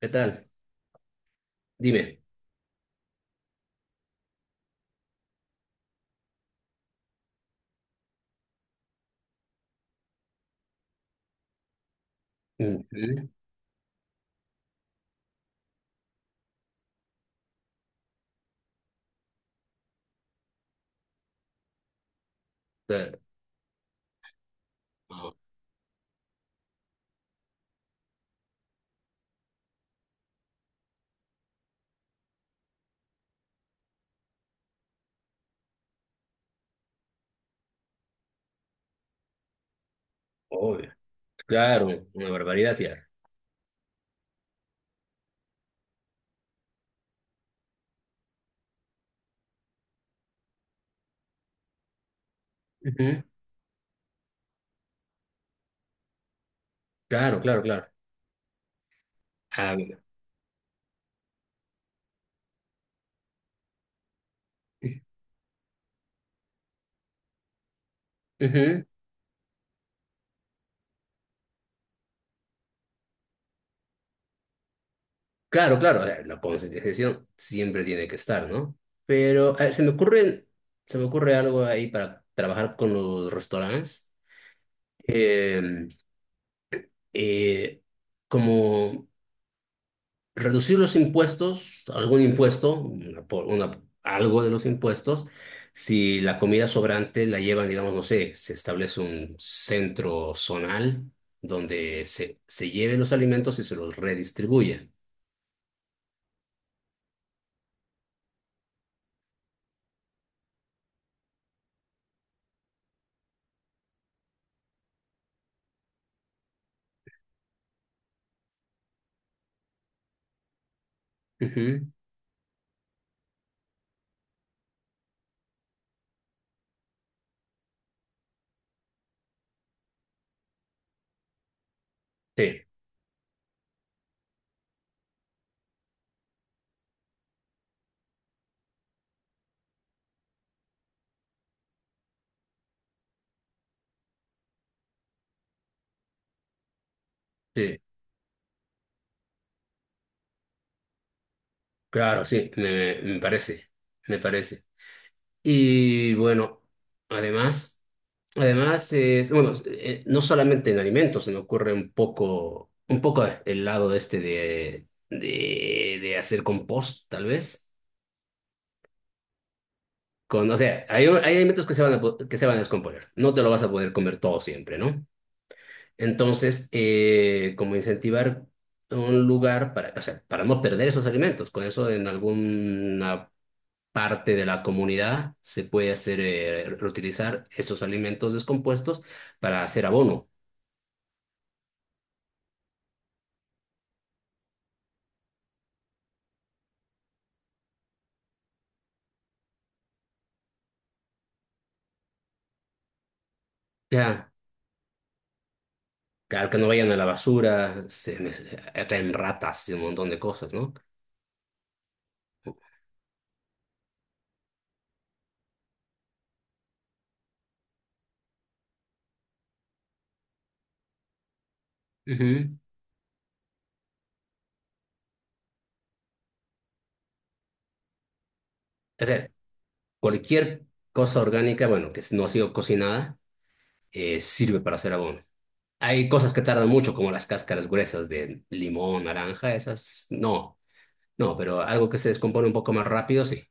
¿Qué tal? Dime. Ujú. Eh, no, Obvio. Claro, una barbaridad, tía. Ujú. Claro, claro, claro. Ah, mira. Ujú. Claro, claro. La concientización siempre tiene que estar, ¿no? Pero se me ocurre algo ahí para trabajar con los restaurantes. Eh, eh, como reducir los impuestos, algún impuesto, algo de los impuestos, si la comida sobrante la llevan, digamos, no sé, se establece un centro zonal donde se lleven los alimentos y se los redistribuye. Ujú. Sí, sí, claro, sí, me parece, me parece. Y bueno, además. Además, es, bueno, no solamente en alimentos, se me ocurre un poco el lado este de hacer compost, tal vez. Con, o sea, hay alimentos que se van que se van a descomponer. No te lo vas a poder comer todo siempre, ¿no? Entonces, como incentivar un lugar para, o sea, para no perder esos alimentos. Con eso, en alguna parte de la comunidad se puede hacer, reutilizar esos alimentos descompuestos para hacer abono. Ya. Claro, que no vayan a la basura, se me- atraen ratas y un montón de cosas, ¿no? Ujú. O sea, cualquier cosa orgánica, bueno, que no ha sido cocinada, sirve para hacer abono. Hay cosas que tardan mucho, como las cáscaras gruesas de limón, naranja, esas no, no, pero algo que se descompone un poco más rápido, sí.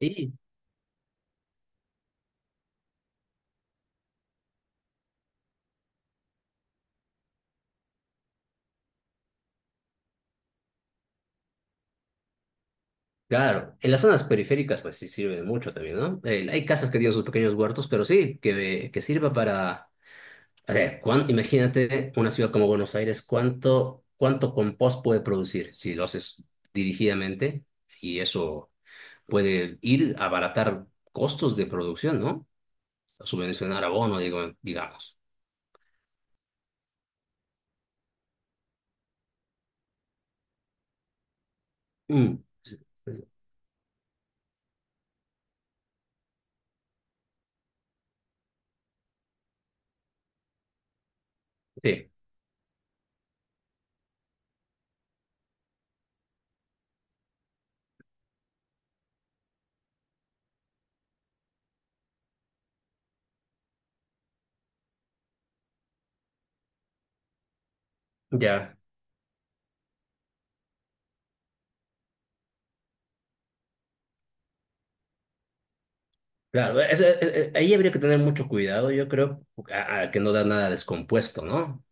Y claro, en las zonas periféricas, pues sí sirve mucho también, ¿no? Hay casas que tienen sus pequeños huertos, pero sí, que sirva para. O sea, cuán- imagínate una ciudad como Buenos Aires, cuánto compost puede producir si lo haces dirigidamente y eso puede ir a abaratar costos de producción, ¿no? Subvencionar abono, digo, digamos. Mm, sí, sí, sí. Sí, ya, claro. Ahí habría que tener mucho cuidado, yo creo, a que no da nada descompuesto, ¿no?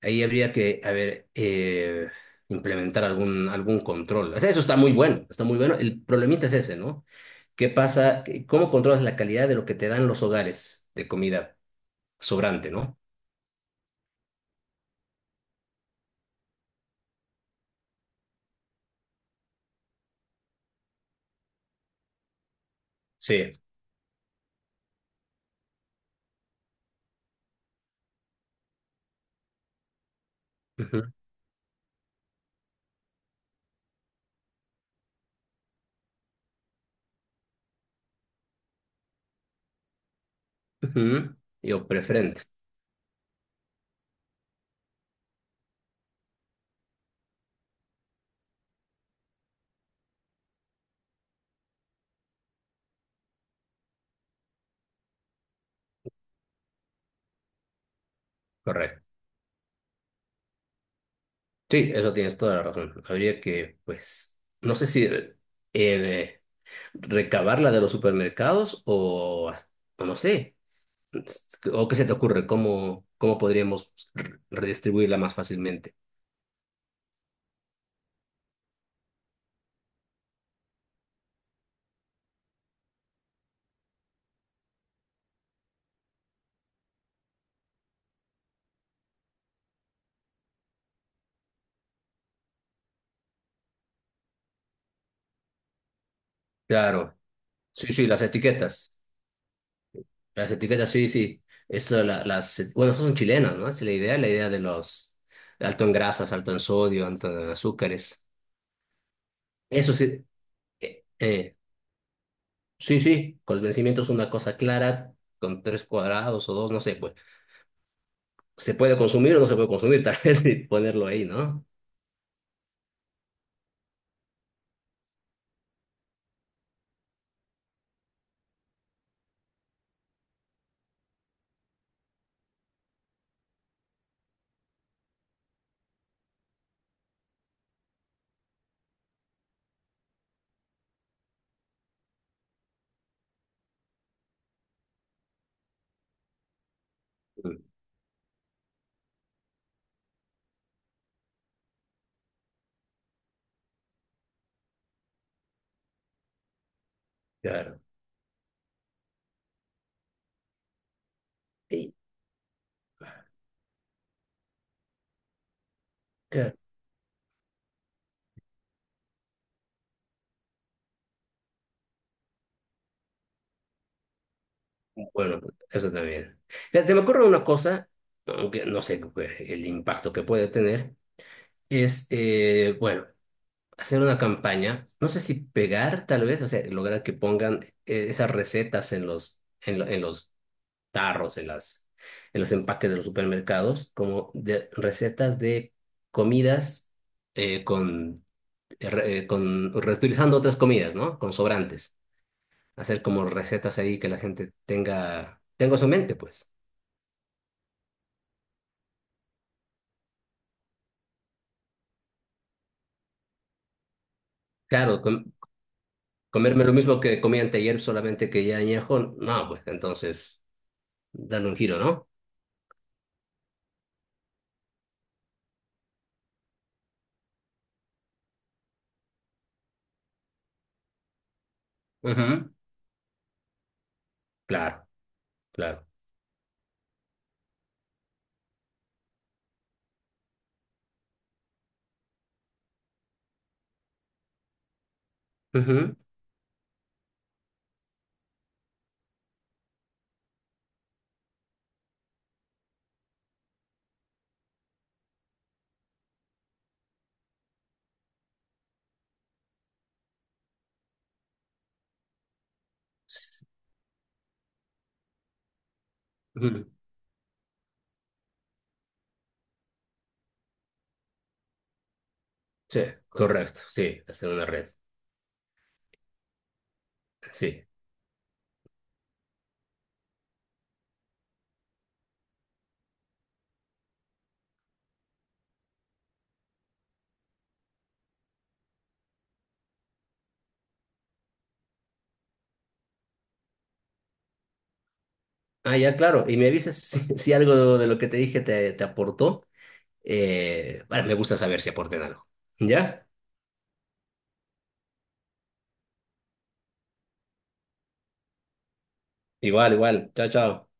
Ahí habría que, a ver, implementar algún control. O sea, eso está muy bueno, está muy bueno. El problemita es ese, ¿no? ¿Qué pasa? ¿Cómo controlas la calidad de lo que te dan los hogares de comida sobrante, ¿no? Sí. Ujú, ujú. Yo, preferente, correcto. Sí, eso tienes toda la razón. Habría que, pues, no sé si eh, recabarla de los supermercados o no sé. ¿O qué se te ocurre? ¿Cómo, cómo podríamos re- redistribuirla más fácilmente? Claro, sí, sí, las etiquetas. Las etiquetas, sí, sí. Eso, la- las, bueno, esas son chilenas, ¿no? Esa es la idea de los alto en grasas, alto en sodio, alto en azúcares. Eso sí, eh, eh, sí, sí, con los vencimientos una cosa clara, con tres cuadrados o dos, no sé, pues, ¿se puede consumir o no se puede consumir? Tal vez y ponerlo ahí, ¿no? Mm. Claro. Sí. Bueno, eso también. Mira, se me ocurre una cosa, aunque no sé qué- el impacto que puede tener, es, bueno, hacer una campaña, no sé si pegar tal vez, o sea, lograr que pongan esas recetas en en los tarros, en las, en los empaques de los supermercados, como de recetas de comidas eh, con, reutilizando otras comidas, ¿no? Con sobrantes. Hacer como recetas ahí que la gente tenga, tenga en su mente, pues. Claro, com- comerme lo mismo que comí anteayer, solamente que ya añejo, no, pues entonces, darle un giro, ¿no? Ujú. Claro, claro. Ujú, s- ujú. Sí, correcto, sí, hacer una red, sí. Ah, ya, claro, y me avisas si, si algo de lo que te dije te aportó. Bueno, me gusta saber si aporté en algo. ¿Ya? Igual, igual. Chao, chao.